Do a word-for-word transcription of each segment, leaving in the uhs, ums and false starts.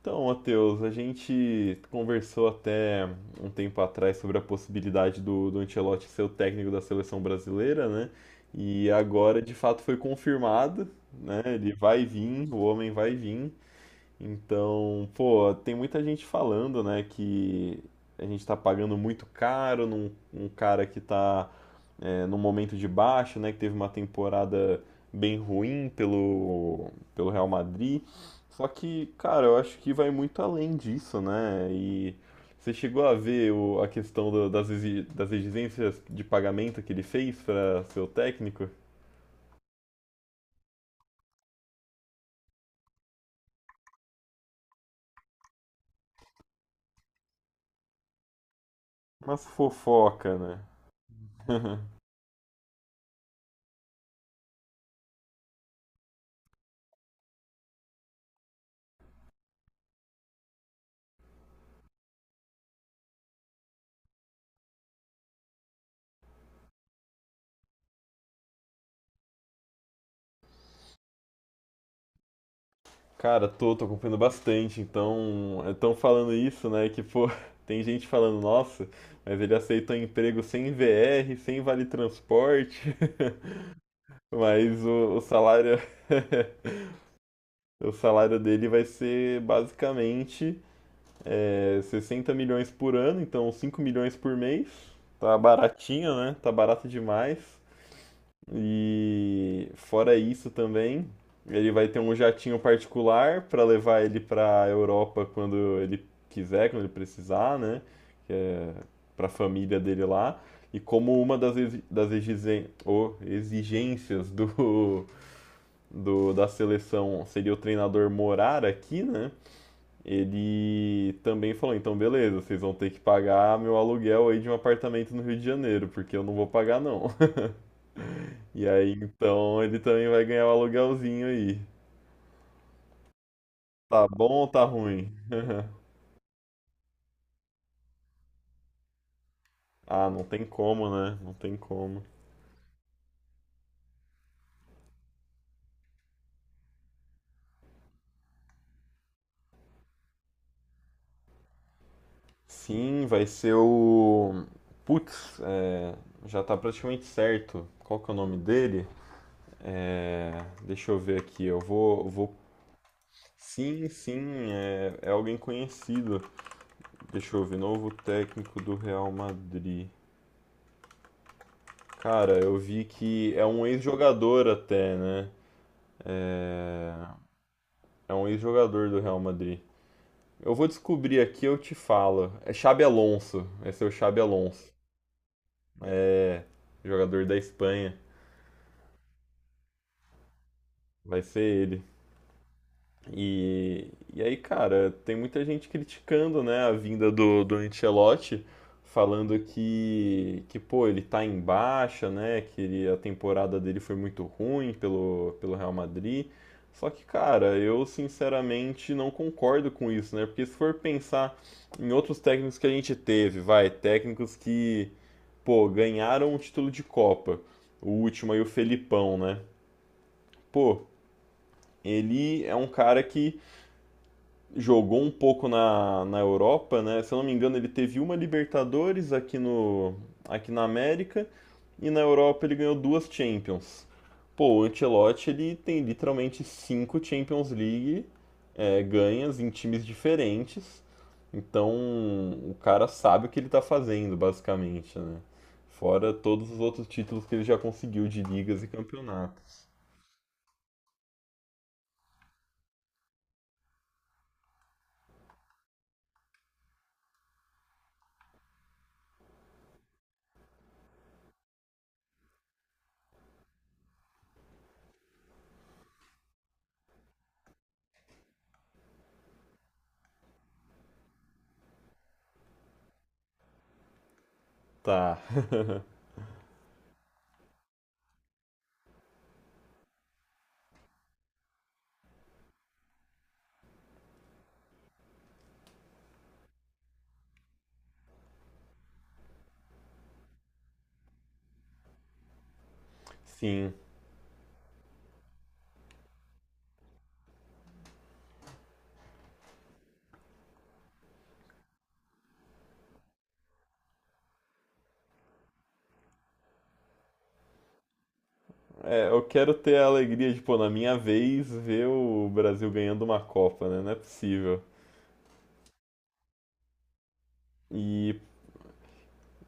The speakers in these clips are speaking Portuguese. Então, Matheus, a gente conversou até um tempo atrás sobre a possibilidade do, do Ancelotti ser o técnico da seleção brasileira, né? E agora de fato foi confirmado, né? Ele vai vir, o homem vai vir. Então, pô, tem muita gente falando, né, que a gente tá pagando muito caro num um cara que tá é, num momento de baixa, né, que teve uma temporada bem ruim pelo, pelo Real Madrid. Só que, cara, eu acho que vai muito além disso, né? E você chegou a ver o- a questão do- das, exi- das exigências de pagamento que ele fez para seu técnico? Mas fofoca, né? Cara, tô, tô acompanhando bastante, então estão falando isso, né? Que pô, tem gente falando, nossa, mas ele aceitou emprego sem V R, sem vale transporte. Mas o, o salário o salário dele vai ser basicamente é, sessenta milhões por ano, então cinco milhões por mês. Tá baratinho, né? Tá barato demais. E fora isso também, ele vai ter um jatinho particular para levar ele para Europa quando ele quiser, quando ele precisar, né? Que é para a família dele lá. E como uma das, exi- das exigen- ô, exigências do do, da seleção seria o treinador morar aqui, né? Ele também falou, então beleza, vocês vão ter que pagar meu aluguel aí de um apartamento no Rio de Janeiro, porque eu não vou pagar não. E aí, então, ele também vai ganhar o aluguelzinho aí. Tá bom ou tá ruim? Ah, não tem como, né? Não tem como. Sim, vai ser o. Putz, é, já tá praticamente certo. Qual que é o nome dele? É, deixa eu ver aqui. Eu vou, eu vou Sim, sim, é, é alguém conhecido. Deixa eu ver, novo técnico do Real Madrid. Cara, eu vi que é um ex-jogador até, né? É, é um ex-jogador do Real Madrid. Eu vou descobrir aqui, eu te falo. É Xabi Alonso. Esse é o Xabi Alonso. É jogador da Espanha. Vai ser ele. E, e aí, cara, tem muita gente criticando, né, a vinda do, do Ancelotti, falando que, que, pô, ele tá em baixa, né, que ele- a temporada dele foi muito ruim pelo, pelo Real Madrid. Só que, cara, eu sinceramente não concordo com isso, né, porque se for pensar em outros técnicos que a gente teve, vai, técnicos que, pô, ganharam o título de Copa, o último aí, o Felipão, né, pô, ele é um cara que jogou um pouco na, na Europa, né? Se eu não me engano, ele teve uma Libertadores aqui no aqui na América e na Europa ele ganhou duas Champions. Pô, o Ancelotti ele tem literalmente cinco Champions League é, ganhas em times diferentes. Então o cara sabe o que ele tá fazendo, basicamente, né? Fora todos os outros títulos que ele já conseguiu de ligas e campeonatos. Tá, sim. É, eu quero ter a alegria de, pô, na minha vez, ver o Brasil ganhando uma Copa, né? Não é possível. E,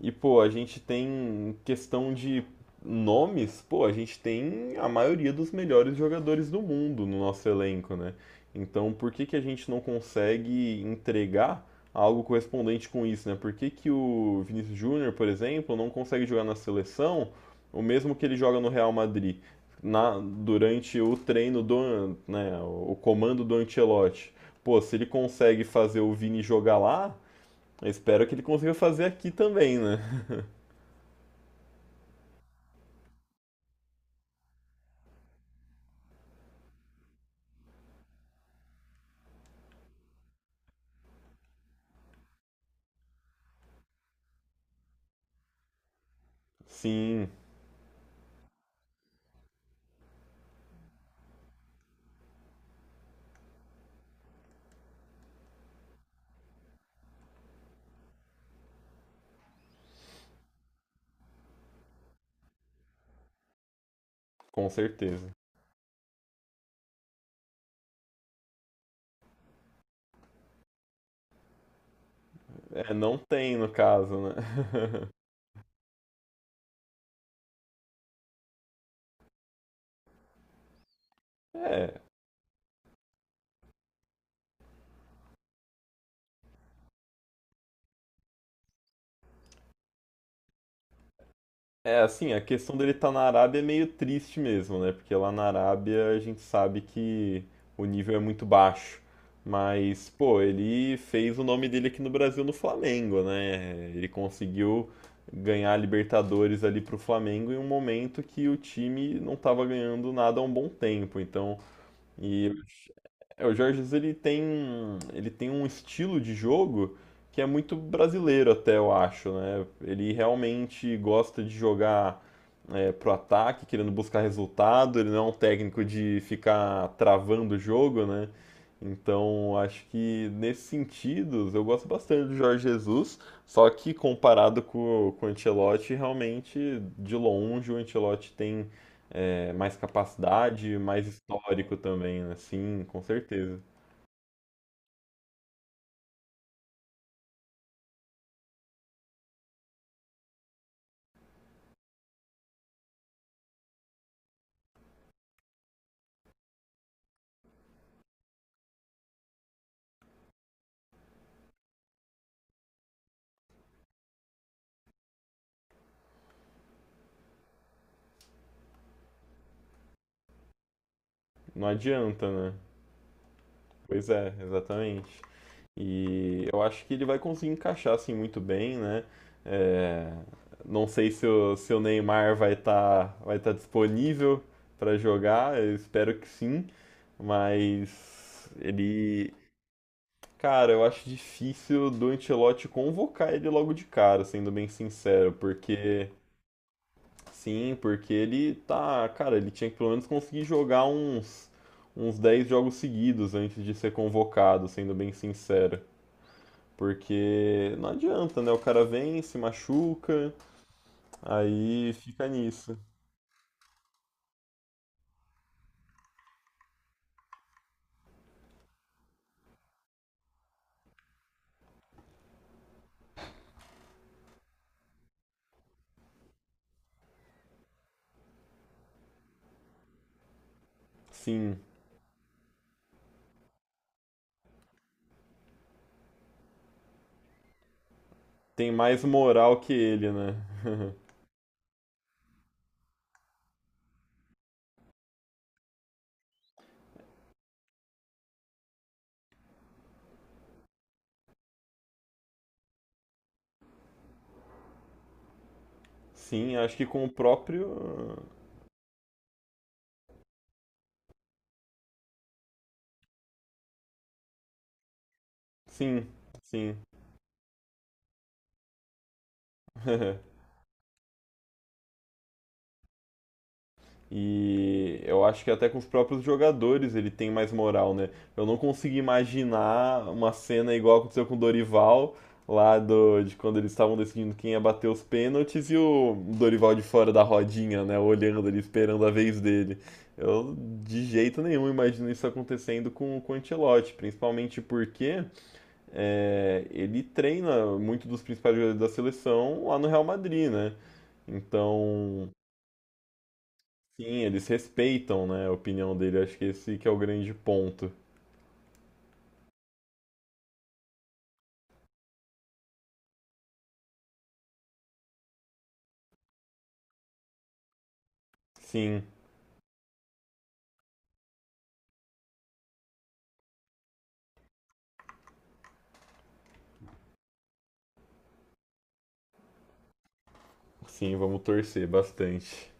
E, pô, a gente tem questão de nomes, pô, a gente tem a maioria dos melhores jogadores do mundo no nosso elenco, né? Então, por que que a gente não consegue entregar algo correspondente com isso, né? Por que que o Vinícius Júnior, por exemplo, não consegue jogar na seleção o mesmo que ele joga no Real Madrid? Na, durante o treino do, né, o comando do Ancelotti. Pô, se ele consegue fazer o Vini jogar lá, eu espero que ele consiga fazer aqui também, né? Sim, com certeza. É, não tem no caso, né? É, é assim, a questão dele estar na Arábia é meio triste mesmo, né? Porque lá na Arábia a gente sabe que o nível é muito baixo. Mas, pô, ele fez o nome dele aqui no Brasil no Flamengo, né? Ele conseguiu ganhar a Libertadores ali pro Flamengo em um momento que o time não estava ganhando nada há um bom tempo. Então, e É, o Georges ele tem, ele tem um estilo de jogo que é muito brasileiro até, eu acho, né? Ele realmente gosta de jogar é, pro ataque, querendo buscar resultado, ele não é um técnico de ficar travando o jogo, né? Então, acho que nesse sentido, eu gosto bastante do Jorge Jesus, só que comparado com, com o Ancelotti, realmente, de longe, o Ancelotti tem é, mais capacidade, mais histórico também, né? Sim, com certeza. Não adianta, né? Pois é, exatamente. E eu acho que ele vai conseguir encaixar assim muito bem, né? É, não sei se o, se o Neymar vai estar vai tá disponível para jogar, eu espero que sim, mas ele, cara, eu acho difícil do Ancelotti convocar ele logo de cara, sendo bem sincero, porque Sim, porque ele tá, cara, ele tinha que pelo menos conseguir jogar uns uns dez jogos seguidos antes de ser convocado, sendo bem sincero. Porque não adianta, né? O cara vem, se machuca, aí fica nisso. Sim, tem mais moral que ele, né? Sim, acho que com o próprio. Sim, sim. E eu acho que até com os próprios jogadores ele tem mais moral, né? Eu não consigo imaginar uma cena igual aconteceu com o Dorival, lá do, de quando eles estavam decidindo quem ia bater os pênaltis e o Dorival de fora da rodinha, né? Olhando ali, esperando a vez dele. Eu de jeito nenhum imagino isso acontecendo com, com o Ancelotti, principalmente porque é, ele treina muito dos principais jogadores da seleção lá no Real Madrid, né? Então Sim, eles respeitam, né, a opinião dele. Acho que esse que é o grande ponto. Sim, sim, vamos torcer bastante.